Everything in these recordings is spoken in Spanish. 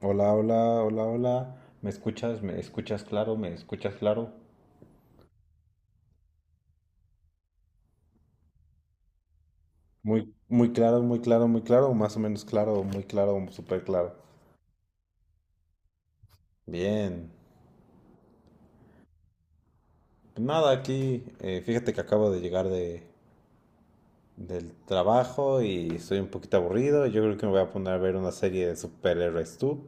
Hola, hola, hola, hola. ¿Me escuchas? ¿Me escuchas claro? ¿Me escuchas claro? Muy, muy claro, muy claro, muy claro, más o menos claro, muy claro, súper claro. Bien. Pues nada, aquí, fíjate que acabo de llegar del trabajo y estoy un poquito aburrido. Yo creo que me voy a poner a ver una serie de superhéroes tú.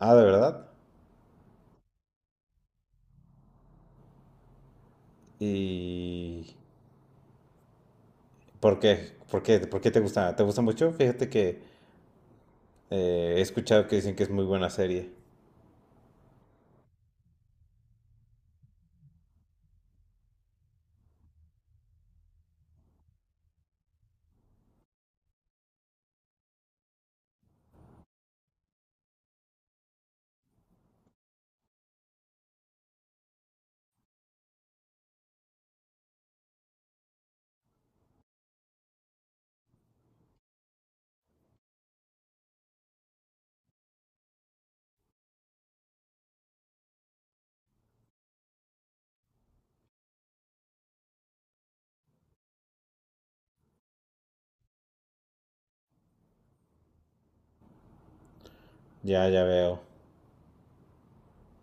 Ah, ¿de verdad? ¿Y por qué? ¿Por qué? ¿Por qué te gusta? ¿Te gusta mucho? Fíjate que he escuchado que dicen que es muy buena serie. Ya, ya veo.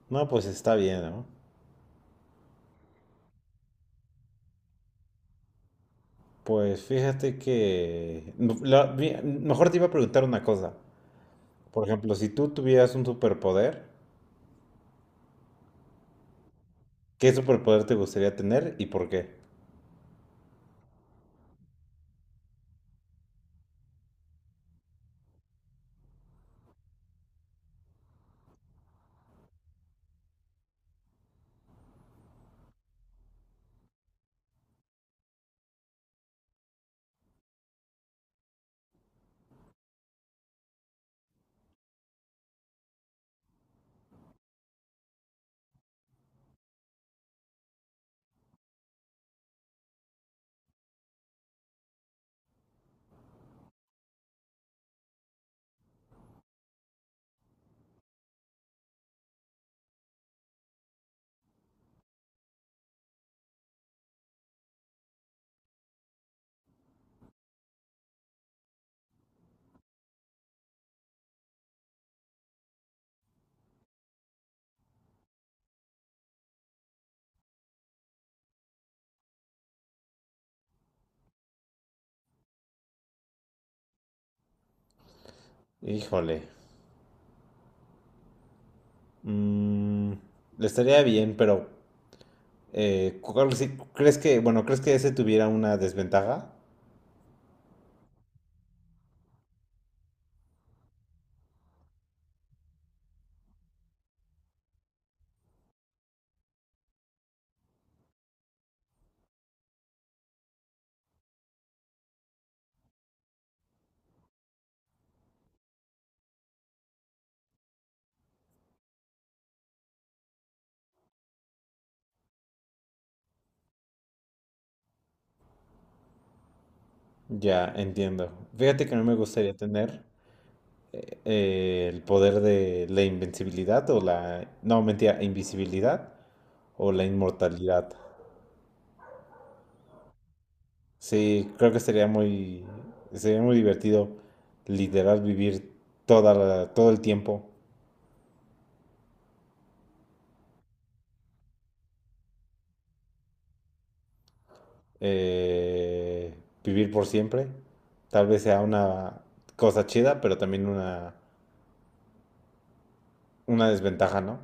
No, pues está bien, ¿no? Pues fíjate que no, la- mi- mejor te iba a preguntar una cosa. Por ejemplo, si tú tuvieras un superpoder, ¿qué superpoder te gustaría tener y por qué? Híjole. mm, estaría bien, pero ¿crees que, bueno, crees que ese tuviera una desventaja? Ya, entiendo. Fíjate que no me gustaría tener el poder de la invencibilidad o la... No, mentira, invisibilidad o la inmortalidad. Sí, creo que sería sería muy divertido literal vivir todo el tiempo, eh, vivir por siempre. Tal vez sea una cosa chida, pero también una desventaja, ¿no?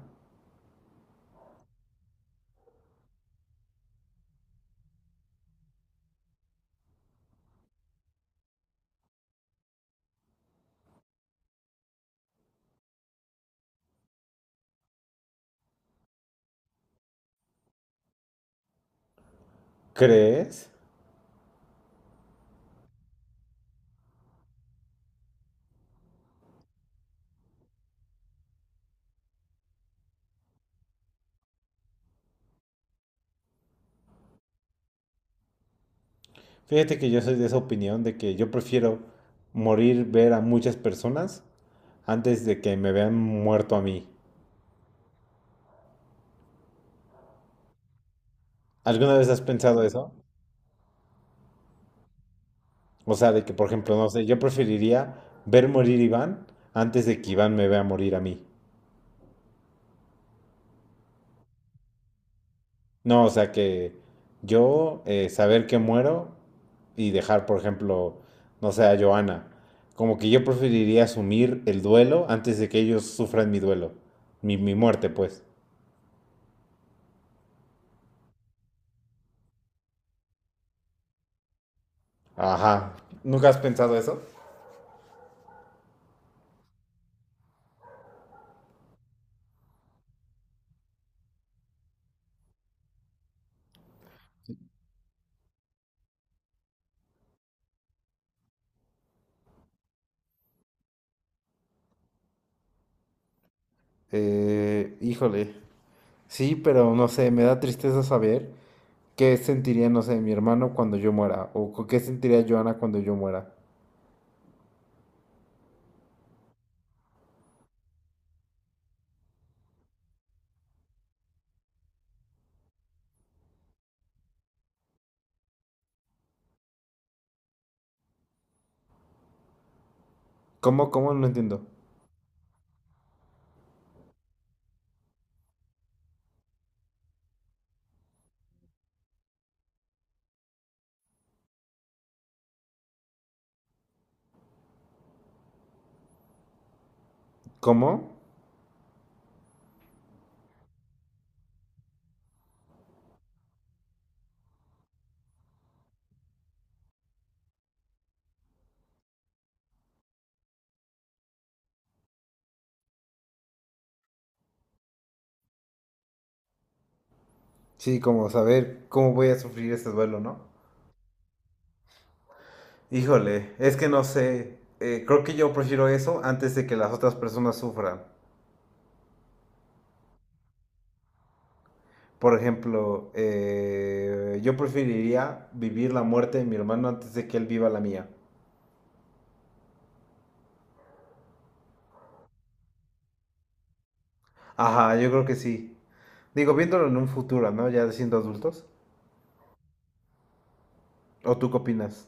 ¿Crees? Fíjate que yo soy de esa opinión de que yo prefiero morir, ver a muchas personas antes de que me vean muerto a mí. ¿Alguna vez has pensado eso? O sea, de que, por ejemplo, no sé, yo preferiría ver morir a Iván antes de que Iván me vea morir a mí. No, o sea, que yo saber que muero y dejar, por ejemplo, no sé, a Joana. Como que yo preferiría asumir el duelo antes de que ellos sufran mi duelo. Mi muerte, pues. Ajá. ¿Nunca has pensado eso? Híjole. Sí, pero no sé, me da tristeza saber qué sentiría, no sé, mi hermano cuando yo muera o qué sentiría Joana cuando yo muera. ¿Cómo? ¿Cómo? No entiendo. ¿Cómo? Sí, como saber cómo voy a sufrir este duelo, ¿no? Híjole, es que no sé. Creo que yo prefiero eso antes de que las otras personas sufran. Por ejemplo, yo preferiría vivir la muerte de mi hermano antes de que él viva la mía. Ajá, yo creo que sí. Digo, viéndolo en un futuro, ¿no? Ya siendo adultos. ¿O tú qué opinas?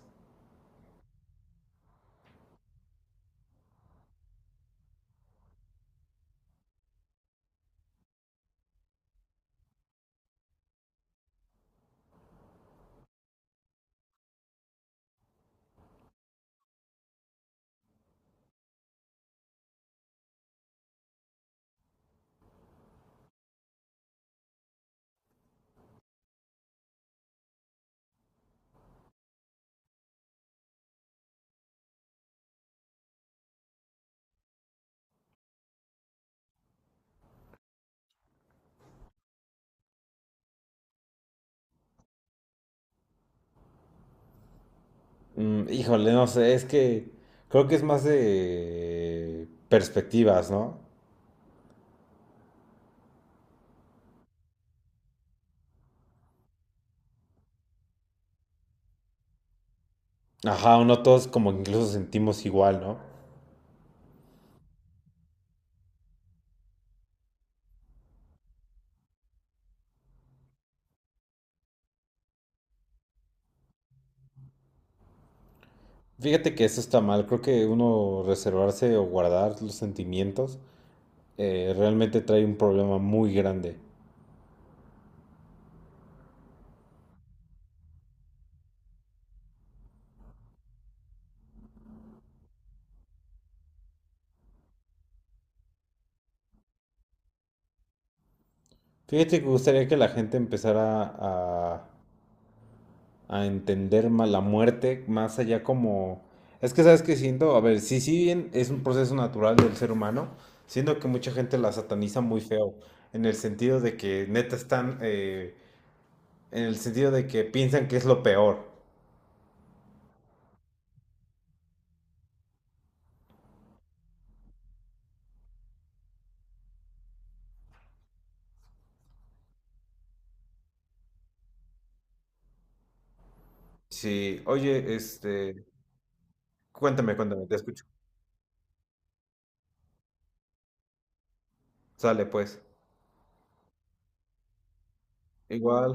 Mm, híjole, no sé, es que creo que es más de perspectivas, ¿no? Ajá, uno todos como que incluso sentimos igual, ¿no? Fíjate que eso está mal, creo que uno reservarse o guardar los sentimientos realmente trae un problema muy grande. Fíjate que gustaría que la gente empezara a entender más la muerte, más allá como... Es que sabes que siento, a ver, sí, sí bien es un proceso natural del ser humano, siento que mucha gente la sataniza muy feo, en el sentido de que neta están, en el sentido de que piensan que es lo peor. Sí, oye, este, cuéntame, cuéntame, te escucho. Sale pues. Igual.